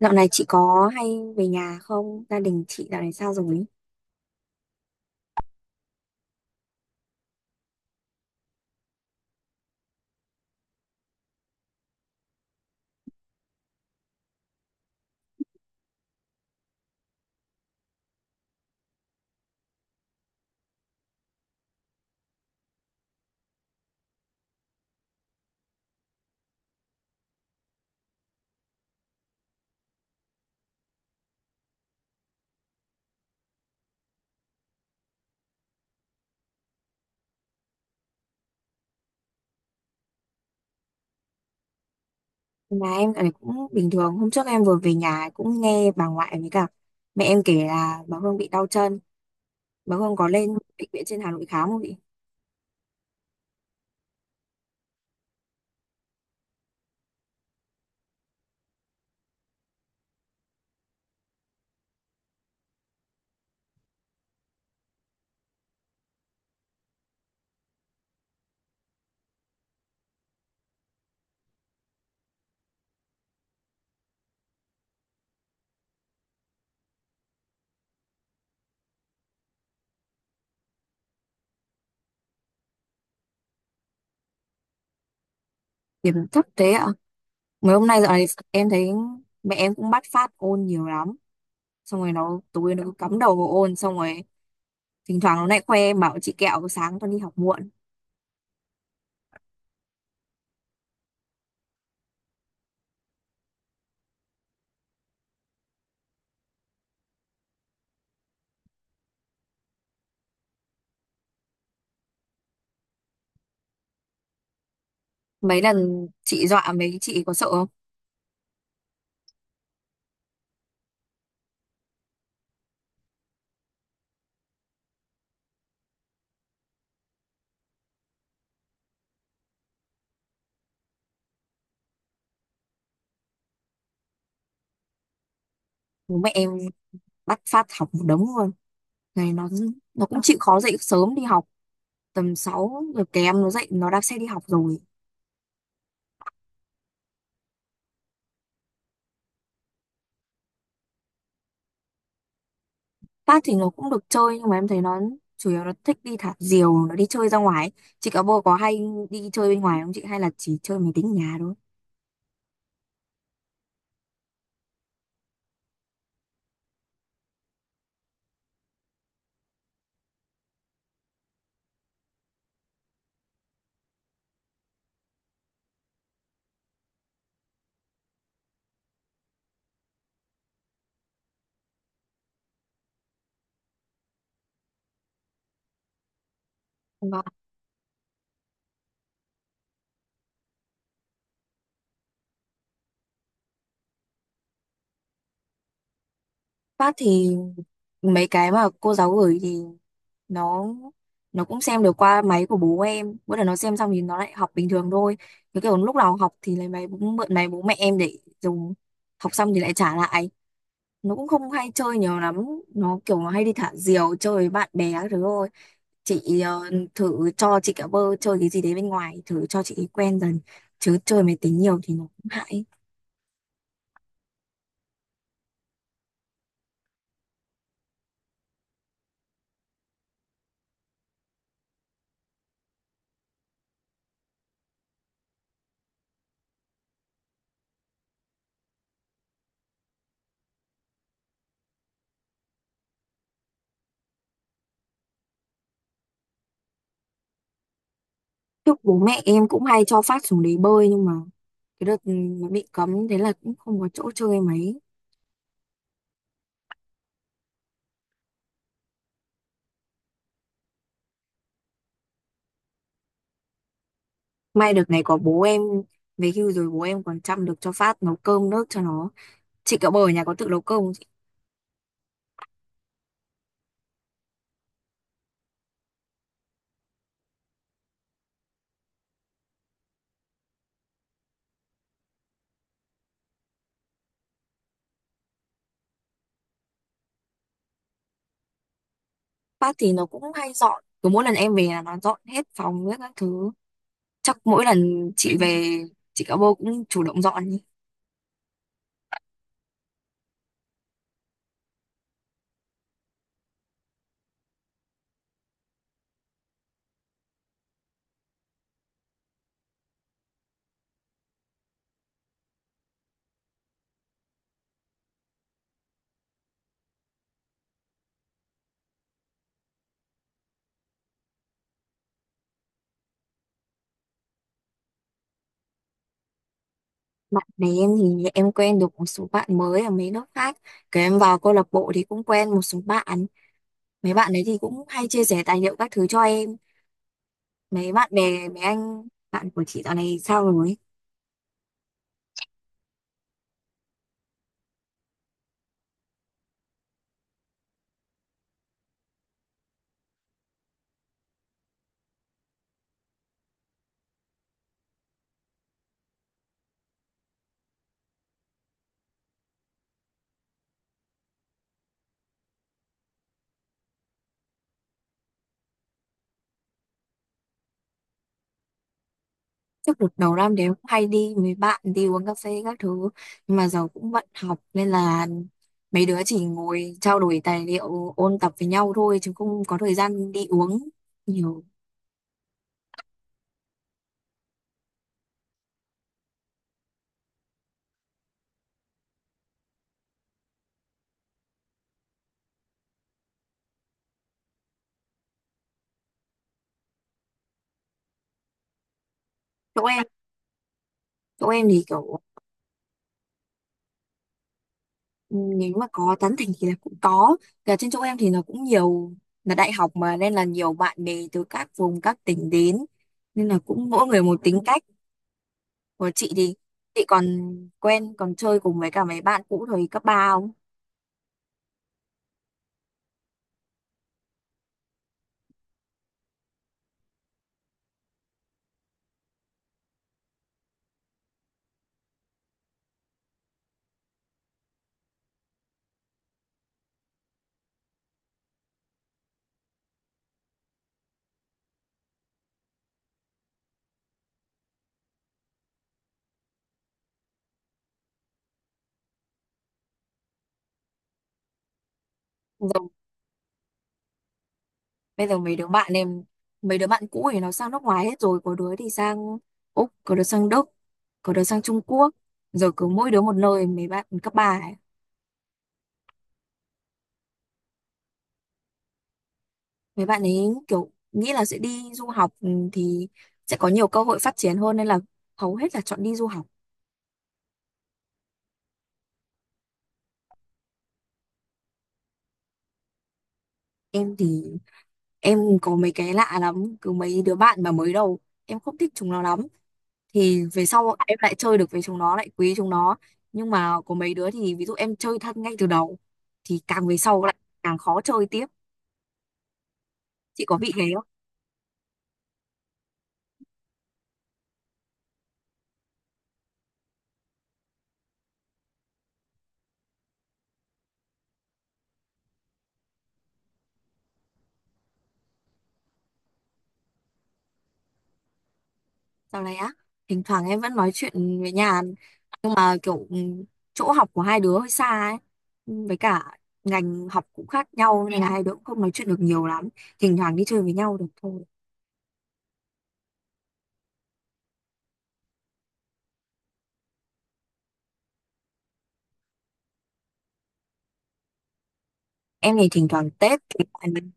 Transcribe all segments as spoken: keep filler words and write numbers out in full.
Dạo này chị có hay về nhà không? Gia đình chị dạo này sao rồi? Nhà em dạo này cũng bình thường. Hôm trước em vừa về nhà cũng nghe bà ngoại với cả mẹ em kể là bà Hương bị đau chân. Bà Hương có lên bệnh viện trên Hà Nội khám không chị? Điểm thấp thế ạ. Mấy hôm nay dạo này em thấy mẹ em cũng bắt phát ôn nhiều lắm. Xong rồi nó tối nó cứ cắm đầu vào ôn. Xong rồi thỉnh thoảng nó lại khoe em bảo chị kẹo sáng con đi học muộn. Mấy lần chị dọa mấy chị có sợ không? Bố mẹ em bắt phát học một đống luôn. Này nó nó cũng chịu khó dậy sớm đi học, tầm sáu giờ kém nó dậy nó đạp xe đi học rồi. Tát thì nó cũng được chơi nhưng mà em thấy nó chủ yếu nó thích đi thả diều, nó đi chơi ra ngoài ấy. Chị cả bồ có hay đi chơi bên ngoài không chị, hay là chỉ chơi máy tính ở nhà thôi? Vâng. Phát thì mấy cái mà cô giáo gửi thì nó nó cũng xem được qua máy của bố em, bữa nào nó xem xong thì nó lại học bình thường thôi, cái kiểu lúc nào học thì lấy máy bố, mượn máy bố mẹ em để dùng, học xong thì lại trả lại. Nó cũng không hay chơi nhiều lắm, nó kiểu nó hay đi thả diều chơi với bạn bè các thứ thôi. Chị ờ, thử cho chị cả bơ chơi cái gì đấy bên ngoài, thử cho chị quen dần, chứ chơi máy tính nhiều thì nó cũng hại. Trước bố mẹ em cũng hay cho phát xuống đấy bơi nhưng mà cái đợt ừ, nó bị cấm thế là cũng không có chỗ chơi mấy. May đợt này có bố em về hưu rồi, bố em còn chăm được cho phát, nấu cơm nước cho nó. Chị cả bơ ở nhà có tự nấu cơm không chị? Phát thì nó cũng hay dọn, cứ mỗi lần em về là nó dọn hết phòng hết các thứ. Chắc mỗi lần chị về, chị cả bô cũng chủ động dọn ý. Bạn bè em thì em quen được một số bạn mới ở mấy nước khác, cái em vào câu lạc bộ thì cũng quen một số bạn, mấy bạn đấy thì cũng hay chia sẻ tài liệu các thứ cho em. Mấy bạn bè mấy anh bạn của chị dạo này sao rồi? Trước đợt đầu năm thì em cũng hay đi mấy bạn đi uống cà phê các thứ, nhưng mà giờ cũng bận học nên là mấy đứa chỉ ngồi trao đổi tài liệu ôn tập với nhau thôi, chứ không có thời gian đi uống nhiều. Chỗ em chỗ em thì kiểu, ừ, nếu mà có tán thành thì là cũng có. Cả trên chỗ em thì nó cũng nhiều, là đại học mà nên là nhiều bạn bè từ các vùng các tỉnh đến nên là cũng mỗi người một tính cách. Của chị thì chị còn quen còn chơi cùng với cả mấy bạn cũ thời cấp ba không? Rồi bây giờ mấy đứa bạn em mấy đứa bạn cũ thì nó sang nước ngoài hết rồi, có đứa thì sang Úc, có đứa sang Đức, có đứa sang Trung Quốc, rồi cứ mỗi đứa một nơi, mấy bạn cấp ba. Mấy bạn ấy kiểu nghĩ là sẽ đi du học, ừ, thì sẽ có nhiều cơ hội phát triển hơn nên là hầu hết là chọn đi du học. Em thì em có mấy cái lạ lắm, cứ mấy đứa bạn mà mới đầu em không thích chúng nó lắm thì về sau em lại chơi được với chúng nó, lại quý chúng nó. Nhưng mà có mấy đứa thì ví dụ em chơi thân ngay từ đầu thì càng về sau lại càng khó chơi tiếp. Chị có bị thế không? Sau này á, thỉnh thoảng em vẫn nói chuyện với nhà mà kiểu ừ, chỗ học của hai đứa hơi xa ấy, Ừ, với cả ngành học cũng khác nhau nên là hai đứa cũng không nói chuyện được nhiều lắm, thỉnh thoảng đi chơi với nhau được thôi. Em thì thỉnh thoảng Tết thì bạn ấy-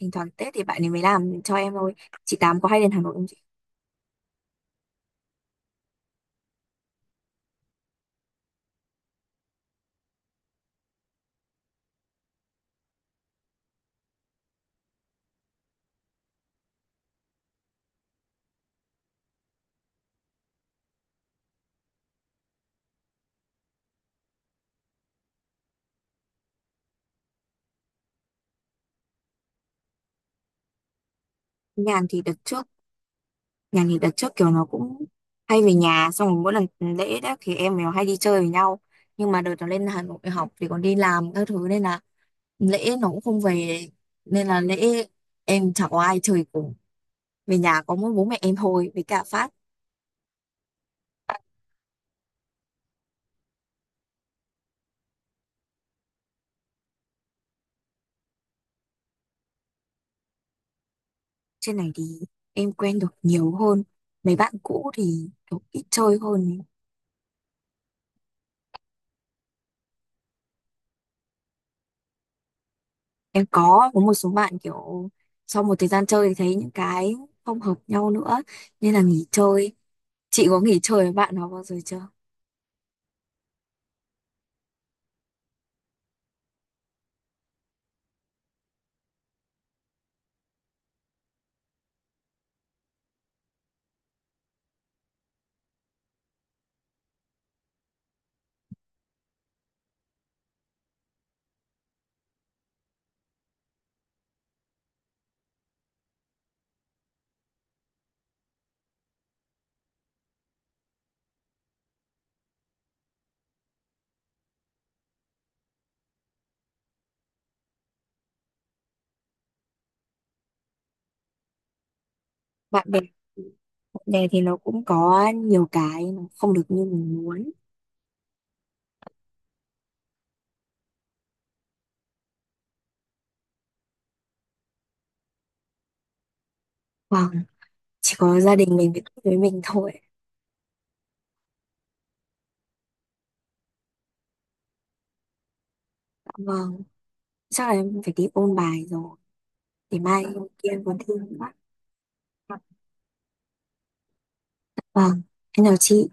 Thỉnh thoảng Tết thì bạn ấy mới làm cho em thôi. Chị Tám có hay lên Hà Nội không chị? Nhàn thì đợt trước Nhàn thì đợt trước kiểu nó cũng hay về nhà, xong rồi mỗi lần lễ đó thì em nó hay đi chơi với nhau, nhưng mà đợt nó lên Hà Nội học thì còn đi làm các thứ nên là lễ nó cũng không về, nên là lễ em chả có ai chơi cùng. Về nhà có mỗi bố mẹ em thôi với cả Phát. Trên này thì em quen được nhiều hơn. Mấy bạn cũ thì kiểu ít chơi hơn. Em có có một số bạn kiểu sau một thời gian chơi thì thấy những cái không hợp nhau nữa nên là nghỉ chơi. Chị có nghỉ chơi với bạn nào bao giờ chưa? Bạn bè bạn bè thì nó cũng có nhiều cái nó không được như mình muốn. Vâng, chỉ có gia đình mình với với mình thôi. Vâng, chắc là em phải đi ôn bài rồi. Để mai kia em kia còn thi nữa. Vâng, em chào chị.